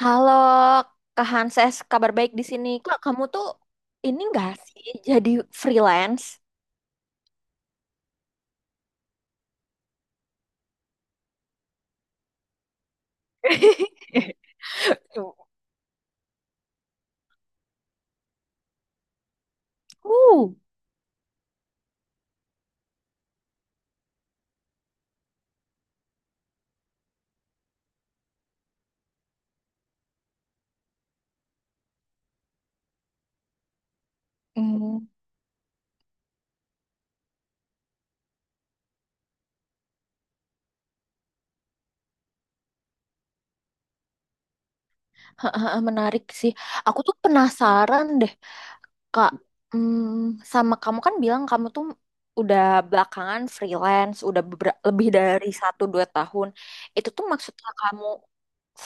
Halo, Kak Hanses, kabar baik di sini. Kak, kamu tuh ini nggak sih jadi freelance? Uh, hmm, menarik sih. Aku tuh penasaran deh, Kak. Hmm, sama kamu kan bilang kamu tuh udah belakangan freelance, udah lebih dari satu dua tahun. Itu tuh maksudnya kamu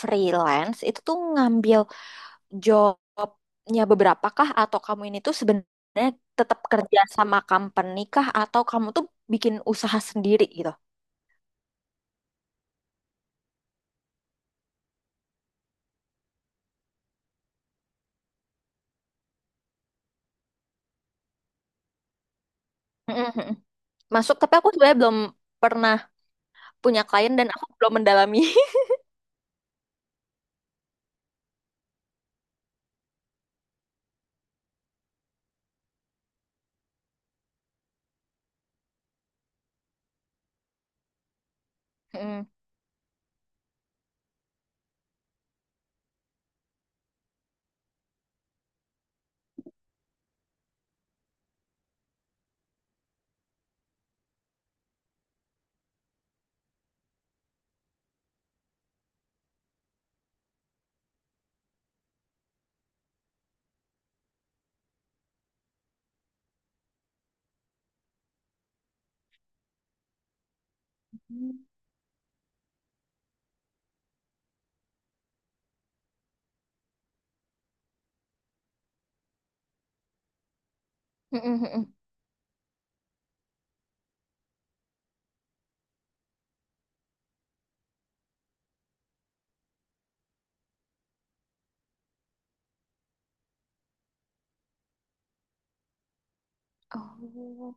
freelance, itu tuh ngambil jobnya beberapa kah atau kamu ini tuh sebenarnya tetap kerja sama company kah atau kamu tuh bikin usaha sendiri gitu? Mm-mm. Masuk, tapi aku sebenarnya belum pernah punya klien dan aku belum mendalami. Mm-mm. Mm. Mm-mm. Oh.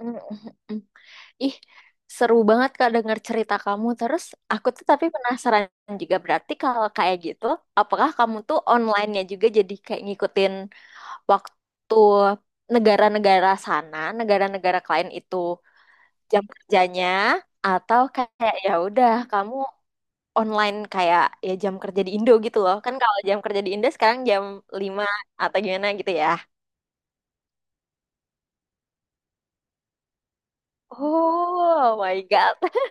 Mm-mm. Ih, seru banget Kak denger cerita kamu. Terus aku tuh tapi penasaran juga berarti kalau kayak gitu, apakah kamu tuh online-nya juga jadi kayak ngikutin waktu negara-negara sana, negara-negara klien itu jam kerjanya atau kayak ya udah kamu online kayak ya jam kerja di Indo gitu loh. Kan kalau jam kerja di Indo sekarang jam 5 atau gimana gitu ya. Oh my God.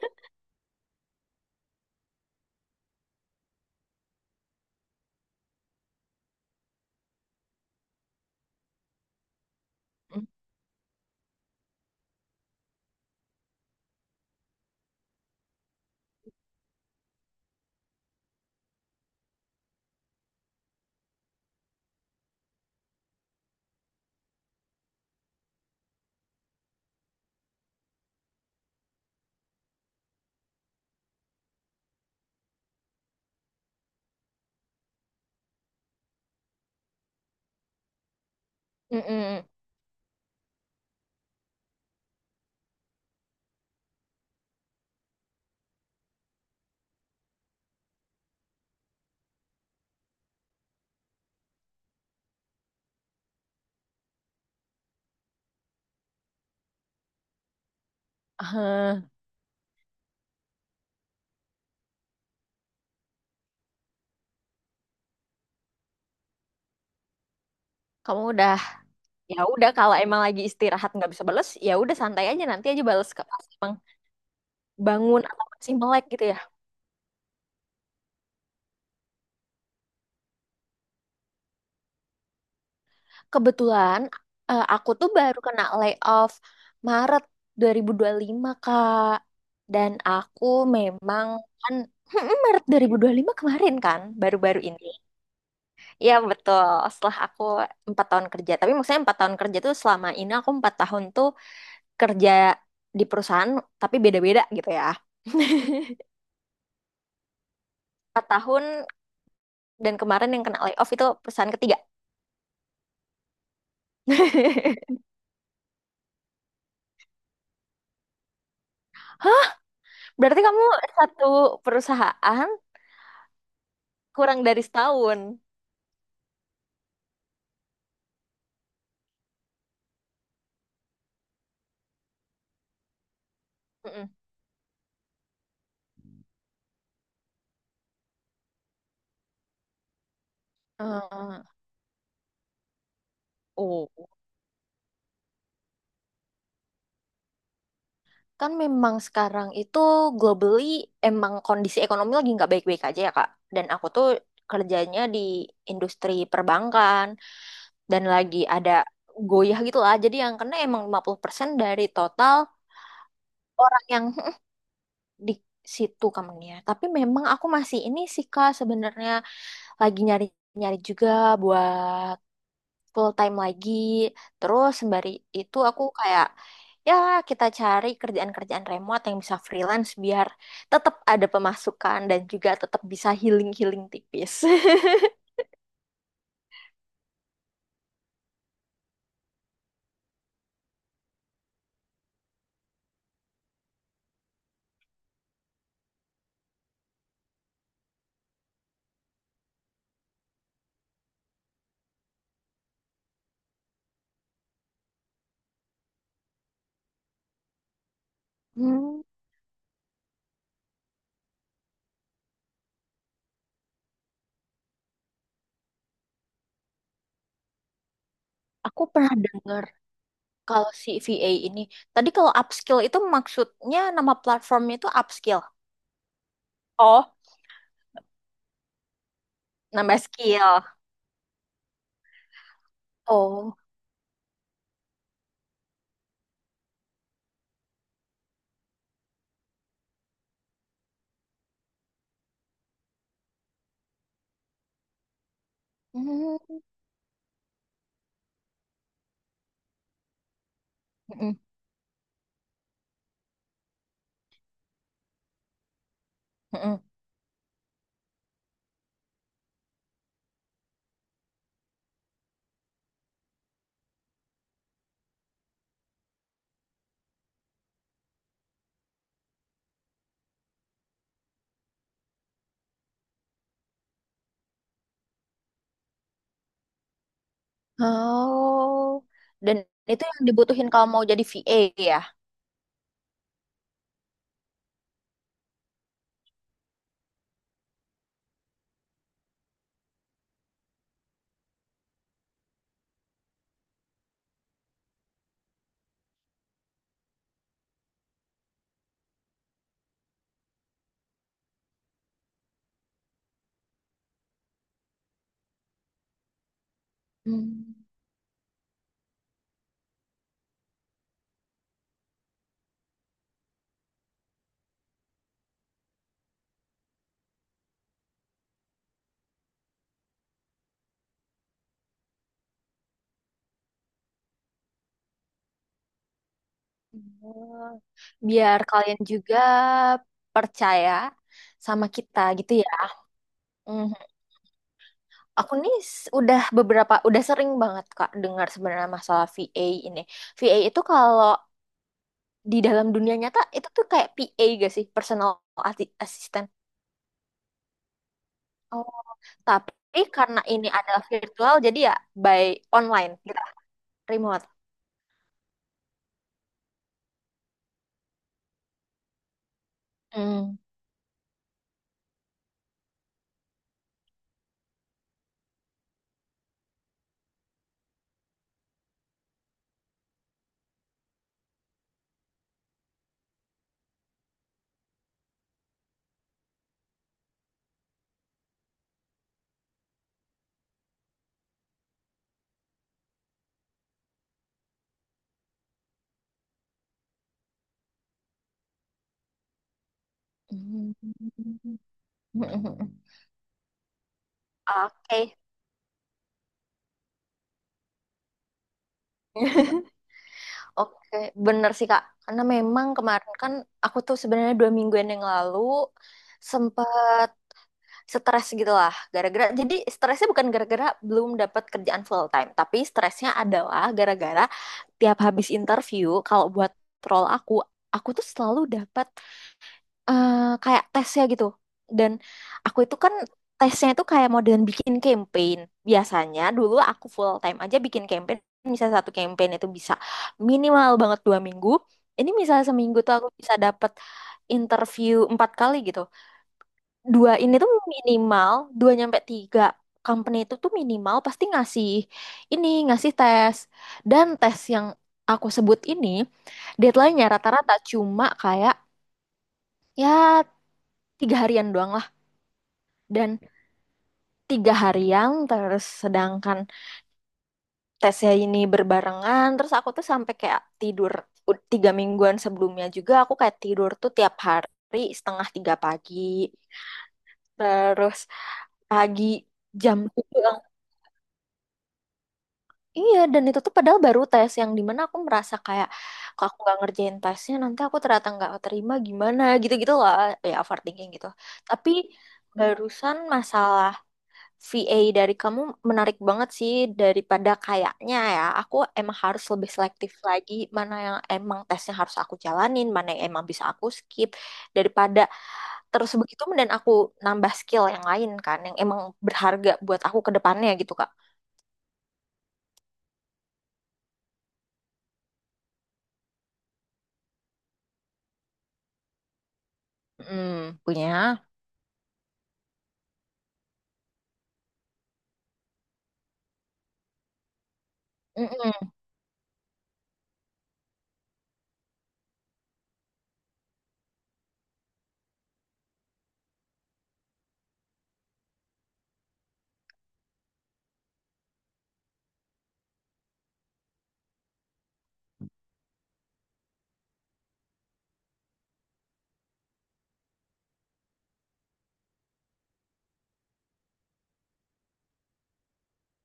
Mm-mm. Eh, Kamu udah, ya udah kalau emang lagi istirahat nggak bisa bales ya udah santai aja nanti aja bales ke pas emang bangun atau masih melek gitu ya. Kebetulan aku tuh baru kena layoff Maret 2025, Kak. Dan aku memang kan Maret 2025 kemarin kan, baru-baru ini. Iya betul, setelah aku 4 tahun kerja. Tapi maksudnya 4 tahun kerja tuh selama ini aku 4 tahun tuh kerja di perusahaan tapi beda-beda gitu ya. 4 tahun dan kemarin yang kena layoff itu perusahaan ketiga. Hah, berarti kamu satu perusahaan kurang dari setahun. Mm-mm. Eh, oh, kan memang sekarang itu globally emang kondisi ekonomi lagi nggak baik-baik aja ya Kak. Dan aku tuh kerjanya di industri perbankan dan lagi ada goyah gitu lah. Jadi yang kena emang 50% dari total orang yang di situ company. Tapi memang aku masih ini sih Kak sebenarnya lagi nyari-nyari juga buat full time lagi. Terus sembari itu aku kayak ya kita cari kerjaan-kerjaan remote yang bisa freelance biar tetap ada pemasukan dan juga tetap bisa healing-healing tipis. Hmm, aku pernah dengar kalau si VA ini. Tadi kalau upskill itu maksudnya nama platformnya itu upskill. Oh, nambah skill. Oh. Hmm. Mm-mm. Mm-mm. Oh. Dan itu yang dibutuhin kalau mau jadi VA ya. Hmm. Oh, biar kalian juga percaya sama kita gitu ya. Mhm. Aku nih udah beberapa, udah sering banget Kak dengar sebenarnya masalah VA ini. VA itu kalau di dalam dunia nyata itu tuh kayak PA gak sih? Personal assistant. Oh, tapi karena ini adalah virtual jadi ya by online gitu, remote. Mm. Mm. Oke. Oke, bener sih Kak. Karena memang kemarin kan aku tuh sebenarnya 2 mingguan yang lalu sempat stres gitu lah. Gara-gara, jadi stresnya bukan gara-gara belum dapat kerjaan full time, tapi stresnya adalah gara-gara tiap habis interview, kalau buat role aku tuh selalu dapat eh, kayak tesnya gitu. Dan aku itu kan tesnya itu kayak modern bikin campaign. Biasanya dulu aku full time aja bikin campaign. Misalnya satu campaign itu bisa minimal banget 2 minggu. Ini misalnya seminggu tuh aku bisa dapet interview 4 kali gitu. Dua ini tuh minimal, dua nyampe tiga company itu tuh minimal pasti ngasih ini, ngasih tes. Dan tes yang aku sebut ini deadline-nya rata-rata cuma kayak ya 3 harian doang dan 3 harian terus, sedangkan tesnya ini berbarengan terus aku tuh sampai kayak tidur 3 mingguan sebelumnya juga aku kayak tidur tuh tiap hari setengah tiga pagi terus pagi jam 7, iya, dan itu tuh padahal baru tes yang dimana aku merasa kayak kalau aku nggak ngerjain tesnya nanti aku ternyata nggak terima gimana gitu-gitu lah ya overthinking gitu. Tapi barusan masalah VA dari kamu menarik banget sih, daripada kayaknya ya. Aku emang harus lebih selektif lagi mana yang emang tesnya harus aku jalanin, mana yang emang bisa aku skip daripada terus begitu dan aku nambah skill yang lain kan yang emang berharga buat aku ke depannya gitu Kak. Hmm, punya. Mm-mm.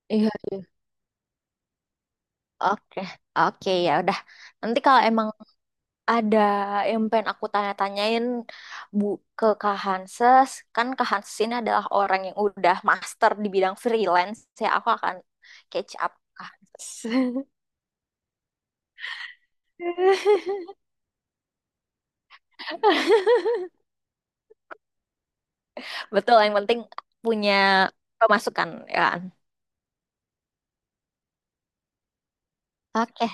Iya. Oke. Oke, ya udah. Nanti kalau emang ada yang pengen aku tanya-tanyain Bu ke Kak Hanses. Kan Kak Hanses ini adalah orang yang udah master di bidang freelance. Ya, aku akan catch up Kak Hanses. Betul, yang penting punya pemasukan ya kan. Oke,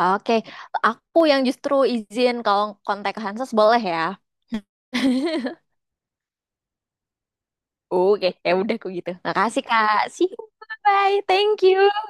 oke. Aku yang justru izin kalau kontak Kak Hanses boleh ya. Oke, ya udah aku gitu. Makasih Kak. See you. Bye. Thank you.